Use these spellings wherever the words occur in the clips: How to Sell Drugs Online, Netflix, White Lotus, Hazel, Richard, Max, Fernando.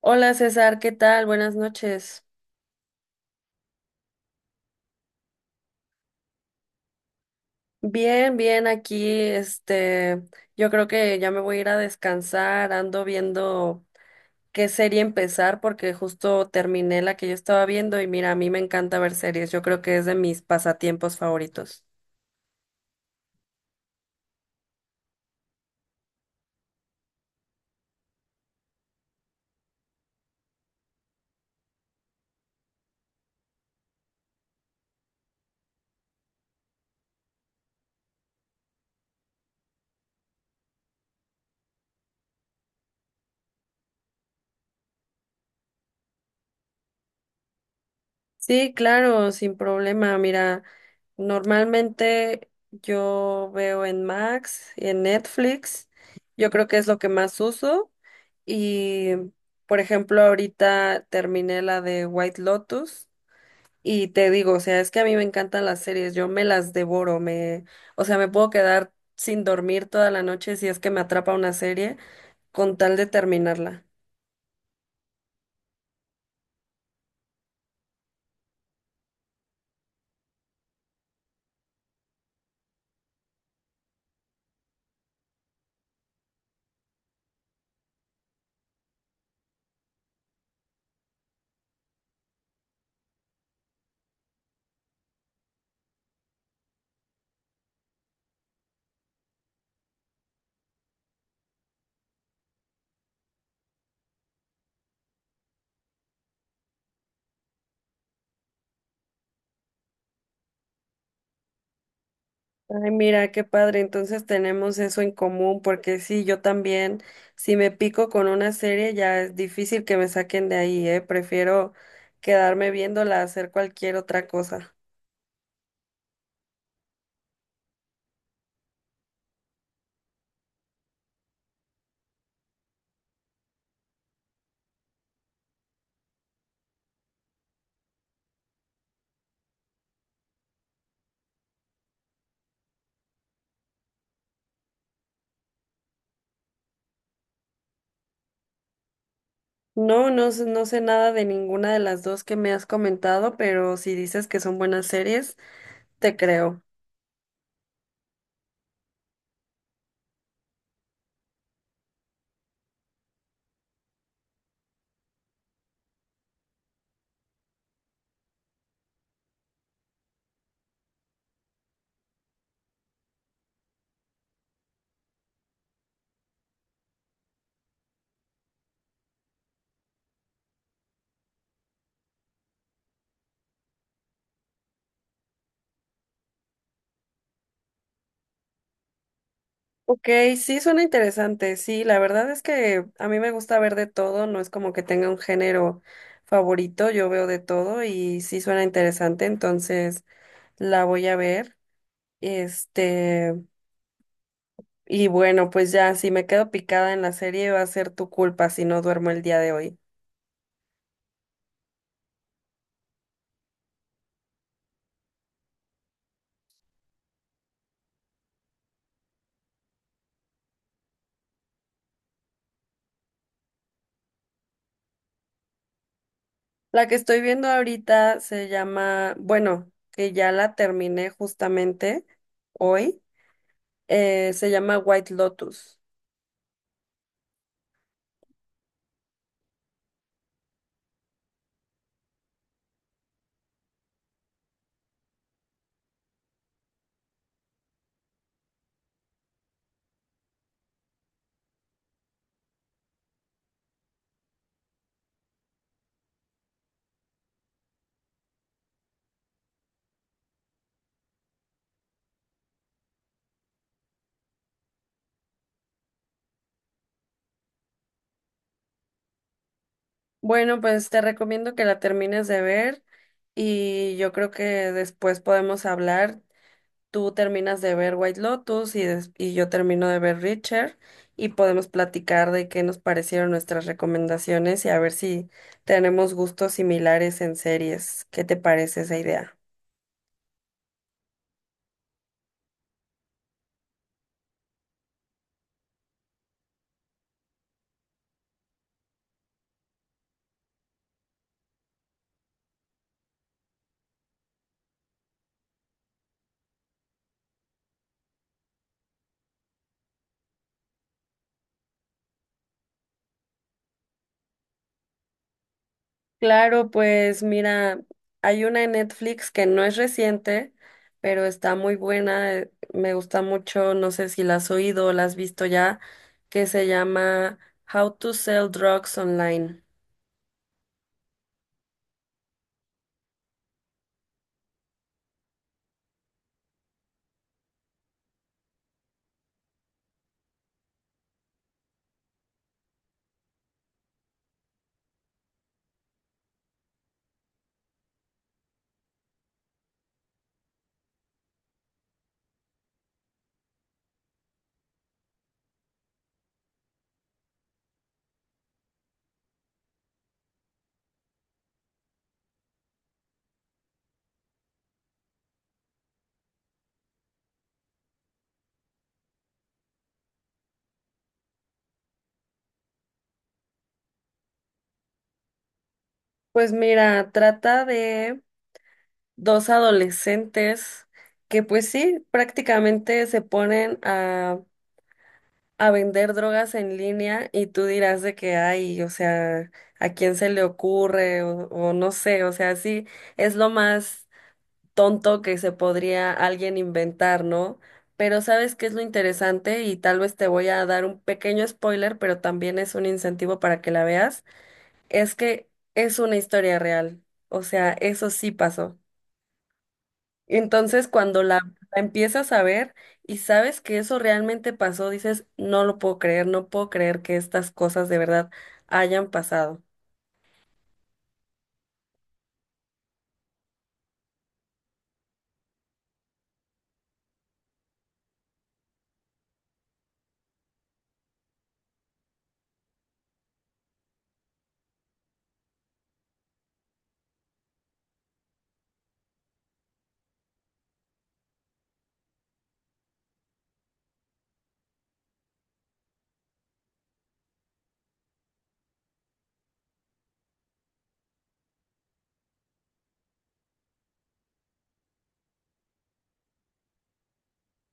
Hola César, ¿qué tal? Buenas noches. Bien, bien, aquí, yo creo que ya me voy a ir a descansar, ando viendo qué serie empezar porque justo terminé la que yo estaba viendo y mira, a mí me encanta ver series, yo creo que es de mis pasatiempos favoritos. Sí, claro, sin problema, mira, normalmente yo veo en Max y en Netflix. Yo creo que es lo que más uso. Y, por ejemplo, ahorita terminé la de White Lotus y te digo, o sea, es que a mí me encantan las series, yo me las devoro, o sea, me puedo quedar sin dormir toda la noche si es que me atrapa una serie con tal de terminarla. Ay, mira, qué padre, entonces tenemos eso en común, porque sí, yo también, si me pico con una serie, ya es difícil que me saquen de ahí, ¿eh? Prefiero quedarme viéndola, hacer cualquier otra cosa. No, no, no sé nada de ninguna de las dos que me has comentado, pero si dices que son buenas series, te creo. Ok, sí, suena interesante, sí, la verdad es que a mí me gusta ver de todo, no es como que tenga un género favorito, yo veo de todo y sí suena interesante, entonces la voy a ver. Este, y bueno, pues ya, si me quedo picada en la serie, va a ser tu culpa si no duermo el día de hoy. La que estoy viendo ahorita se llama, bueno, que ya la terminé justamente hoy, se llama White Lotus. Bueno, pues te recomiendo que la termines de ver y yo creo que después podemos hablar. Tú terminas de ver White Lotus y, y yo termino de ver Richard y podemos platicar de qué nos parecieron nuestras recomendaciones y a ver si tenemos gustos similares en series. ¿Qué te parece esa idea? Claro, pues mira, hay una en Netflix que no es reciente, pero está muy buena, me gusta mucho, no sé si la has oído o la has visto ya, que se llama How to Sell Drugs Online. Pues mira, trata de dos adolescentes que pues sí, prácticamente se ponen a vender drogas en línea y tú dirás de que hay, o sea, ¿a quién se le ocurre? O no sé, o sea, sí, es lo más tonto que se podría alguien inventar, ¿no? Pero ¿sabes qué es lo interesante? Y tal vez te voy a dar un pequeño spoiler, pero también es un incentivo para que la veas, es que es una historia real, o sea, eso sí pasó. Entonces, cuando la empiezas a ver y sabes que eso realmente pasó, dices, no lo puedo creer, no puedo creer que estas cosas de verdad hayan pasado.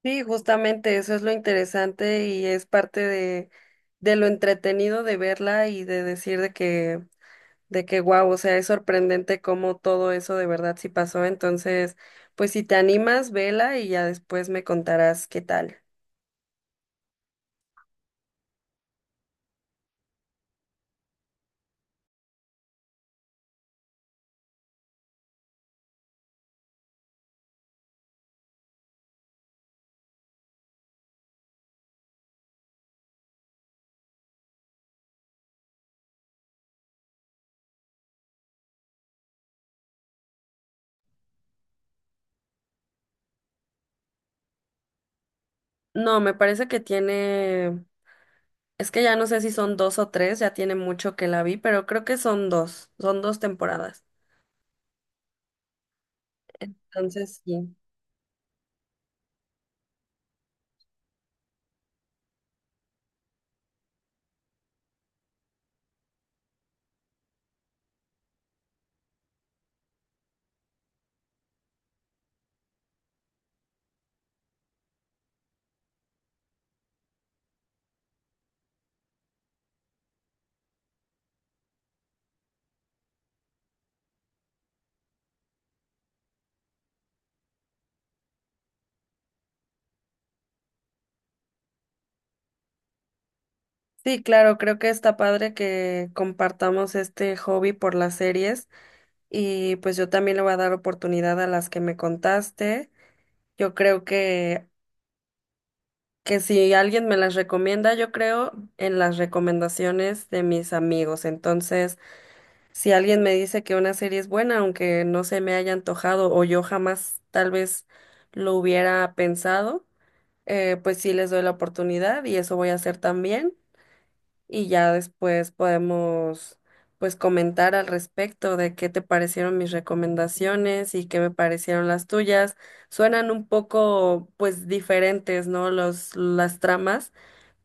Sí, justamente eso es lo interesante y es parte de lo entretenido de verla y de decir de de que wow, o sea, es sorprendente cómo todo eso de verdad sí pasó. Entonces, pues si te animas, vela y ya después me contarás qué tal. No, me parece que tiene. Es que ya no sé si son dos o tres, ya tiene mucho que la vi, pero creo que son dos temporadas. Entonces, sí. Sí, claro, creo que está padre que compartamos este hobby por las series y pues yo también le voy a dar oportunidad a las que me contaste. Yo creo que si alguien me las recomienda, yo creo en las recomendaciones de mis amigos. Entonces, si alguien me dice que una serie es buena, aunque no se me haya antojado o yo jamás tal vez lo hubiera pensado, pues sí les doy la oportunidad y eso voy a hacer también. Y ya después podemos pues comentar al respecto de qué te parecieron mis recomendaciones y qué me parecieron las tuyas. Suenan un poco pues diferentes, ¿no? Las tramas,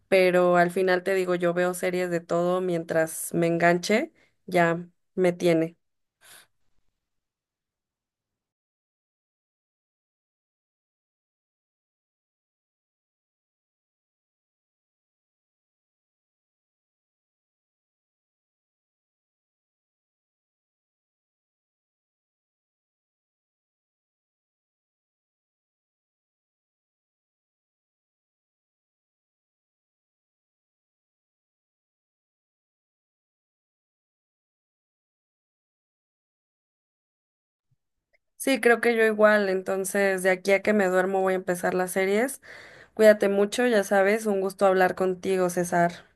pero al final te digo, yo veo series de todo mientras me enganche, ya me tiene. Sí, creo que yo igual. Entonces, de aquí a que me duermo voy a empezar las series. Cuídate mucho, ya sabes, un gusto hablar contigo, César.